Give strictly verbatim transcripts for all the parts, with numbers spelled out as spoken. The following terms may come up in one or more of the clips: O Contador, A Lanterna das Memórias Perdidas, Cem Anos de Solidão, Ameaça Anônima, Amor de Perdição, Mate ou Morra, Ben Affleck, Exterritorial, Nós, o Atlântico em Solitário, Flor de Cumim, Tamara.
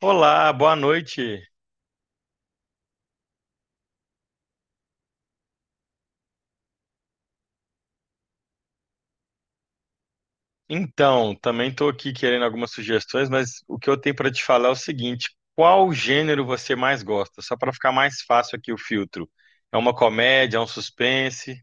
Olá, boa noite. Então, também estou aqui querendo algumas sugestões, mas o que eu tenho para te falar é o seguinte: qual gênero você mais gosta? Só para ficar mais fácil aqui o filtro. É uma comédia, é um suspense,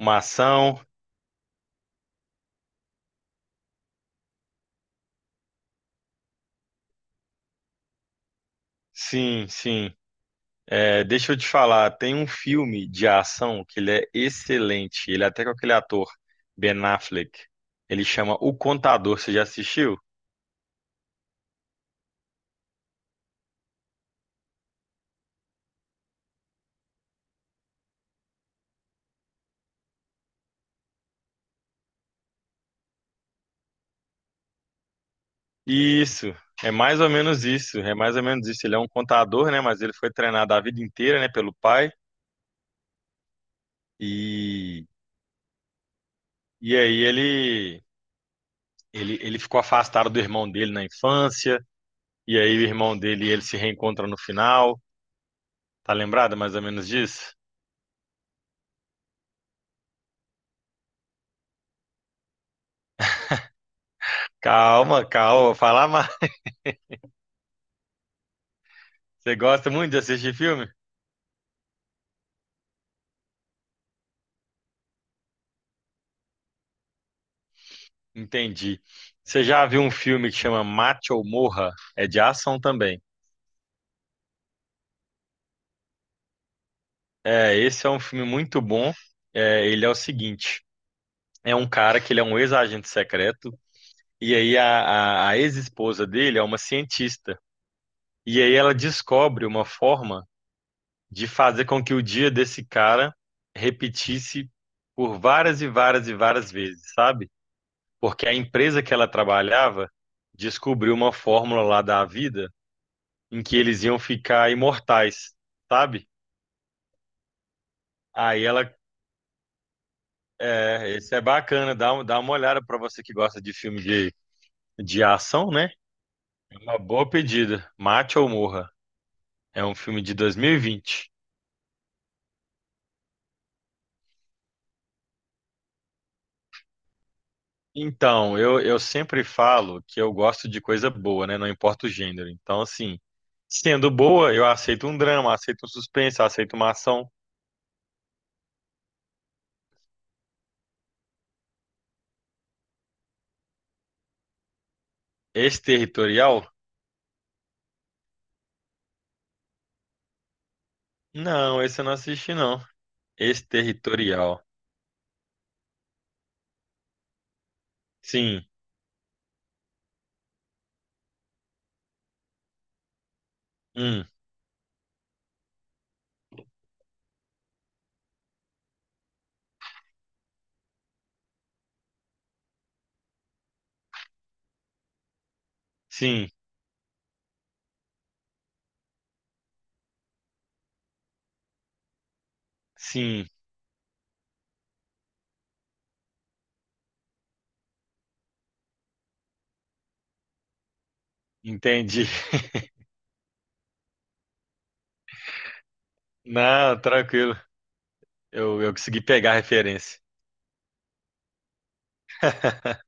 uma ação? Sim, sim. É, deixa eu te falar, tem um filme de ação que ele é excelente. Ele é até com aquele ator Ben Affleck. Ele chama O Contador. Você já assistiu? Isso, é mais ou menos isso, é mais ou menos isso. Ele é um contador, né? Mas ele foi treinado a vida inteira, né, pelo pai. E, e aí ele, ele, ele ficou afastado do irmão dele na infância. E aí o irmão dele e ele se reencontram no final. Tá lembrado mais ou menos disso? Calma, calma, fala mais. Você gosta muito de assistir filme? Entendi. Você já viu um filme que chama Mate ou Morra? É de ação também. É, esse é um filme muito bom. É, ele é o seguinte. É um cara que ele é um ex-agente secreto, e aí a, a, a ex-esposa dele é uma cientista. E aí ela descobre uma forma de fazer com que o dia desse cara repetisse por várias e várias e várias vezes, sabe? Porque a empresa que ela trabalhava descobriu uma fórmula lá da vida em que eles iam ficar imortais, sabe? Aí ela, é, esse é bacana, dá, um- dá uma olhada pra você que gosta de filme de, de ação, né? Uma boa pedida. Mate ou Morra. É um filme de dois mil e vinte. Então, eu, eu sempre falo que eu gosto de coisa boa, né? Não importa o gênero. Então, assim, sendo boa, eu aceito um drama, aceito um suspense, aceito uma ação. Exterritorial? Não, esse eu não assisti, não. Exterritorial. Sim, hum, sim, sim. Entendi. Não, tranquilo. Eu, eu consegui pegar a referência.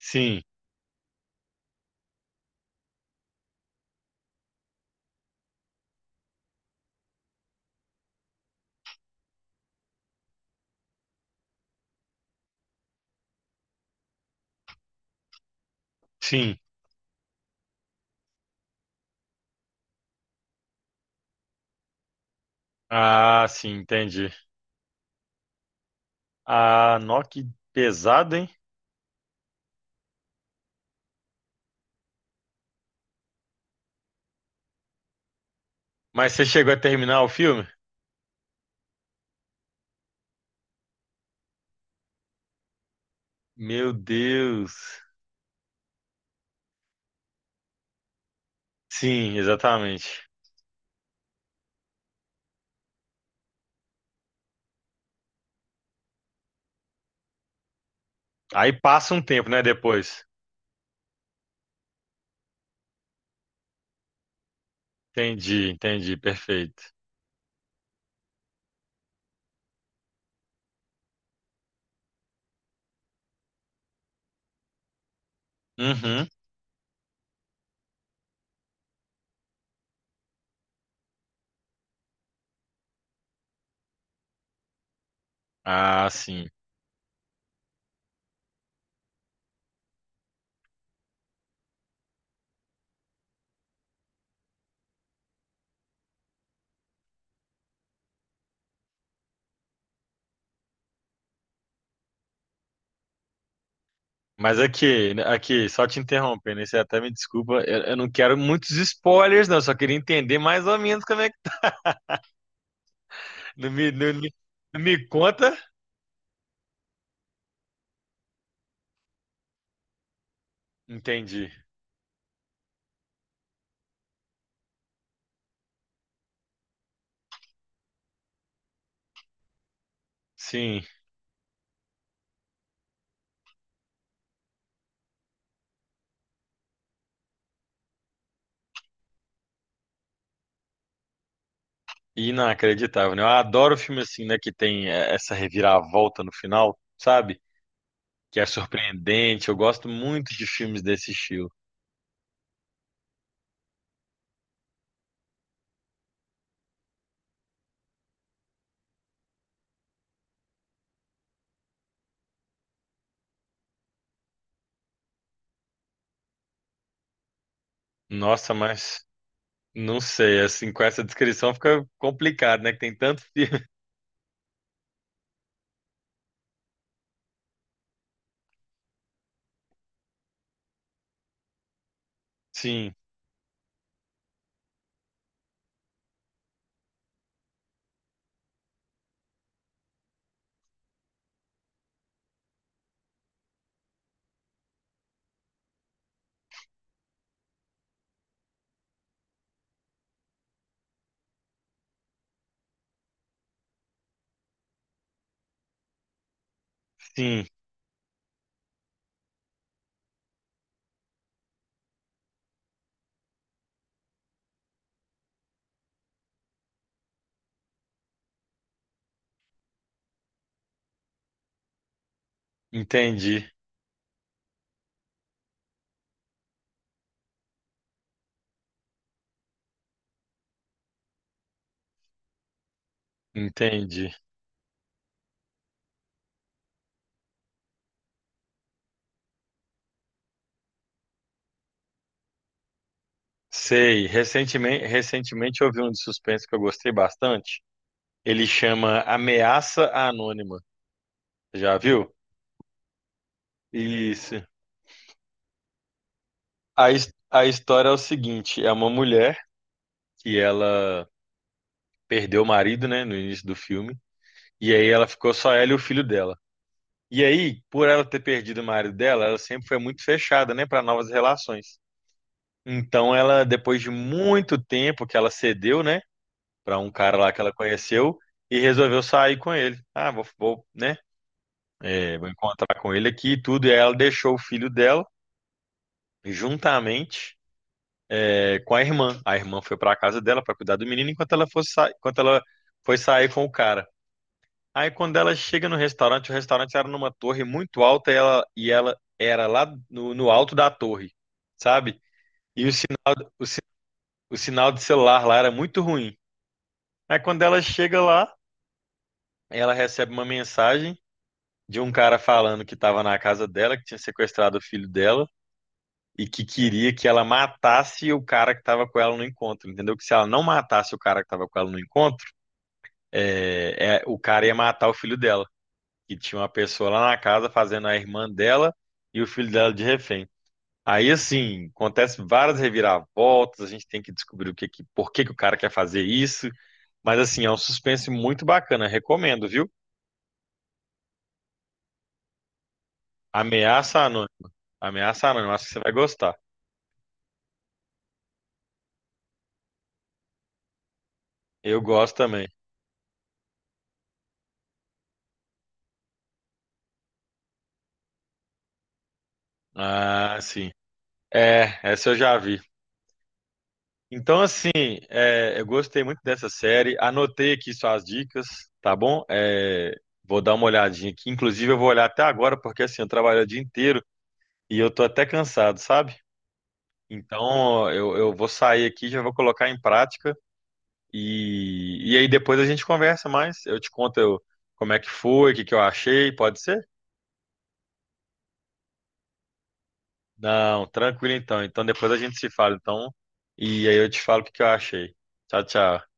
Sim, sim. Ah, sim, entendi. Ah, nó, que pesado, hein? Mas você chegou a terminar o filme? Meu Deus. Sim, exatamente. Aí passa um tempo, né, depois. Entendi, entendi, perfeito. Uhum. Ah, sim. Mas aqui, aqui, só te interrompendo, né? Você até me desculpa, eu, eu não quero muitos spoilers, não. Eu só queria entender mais ou menos como é que. Não me, não, me não me conta? Entendi. Sim. Inacreditável, né? Eu adoro filme assim, né? Que tem eh, essa reviravolta no final, sabe? Que é surpreendente. Eu gosto muito de filmes desse estilo. Nossa, mas não sei, assim, com essa descrição fica complicado, né? Que tem tanto filme. Sim, sim, entendi, entendi. Sei, recentemente, recentemente eu vi um de suspense que eu gostei bastante. Ele chama Ameaça Anônima. Já viu? Isso. A, his- a história é o seguinte: é uma mulher que ela perdeu o marido, né, no início do filme, e aí ela ficou só ela e o filho dela. E aí, por ela ter perdido o marido dela, ela sempre foi muito fechada, né, para novas relações. Então ela, depois de muito tempo que ela cedeu, né, para um cara lá que ela conheceu e resolveu sair com ele. Ah, vou, vou, né, é, vou encontrar com ele aqui e tudo. E aí ela deixou o filho dela juntamente é, com a irmã. A irmã foi para a casa dela para cuidar do menino enquanto ela fosse sa- enquanto ela foi sair com o cara. Aí quando ela chega no restaurante, o restaurante era numa torre muito alta e ela, e ela era lá no, no alto da torre, sabe? E o, sina- o si- o sinal de celular lá era muito ruim. Aí quando ela chega lá, ela recebe uma mensagem de um cara falando que estava na casa dela, que tinha sequestrado o filho dela e que queria que ela matasse o cara que estava com ela no encontro, entendeu? Que se ela não matasse o cara que estava com ela no encontro, é, é, o cara ia matar o filho dela. Que tinha uma pessoa lá na casa fazendo a irmã dela e o filho dela de refém. Aí, assim, acontece várias reviravoltas, a gente tem que descobrir o que, que, por que, que o cara quer fazer isso. Mas, assim, é um suspense muito bacana, recomendo, viu? Ameaça Anônima. Ameaça Anônima, acho que você vai gostar. Eu gosto também. Ah, sim. É, essa eu já vi. Então, assim, é, eu gostei muito dessa série. Anotei aqui suas dicas, tá bom? É, vou dar uma olhadinha aqui. Inclusive, eu vou olhar até agora, porque assim, eu trabalho o dia inteiro e eu tô até cansado, sabe? Então, eu, eu vou sair aqui, já vou colocar em prática e, e aí depois a gente conversa mais. Eu te conto eu- como é que foi, o que que eu achei, pode ser? Não, tranquilo então. Então, depois a gente se fala, então, e aí eu te falo o que que eu achei. Tchau, tchau.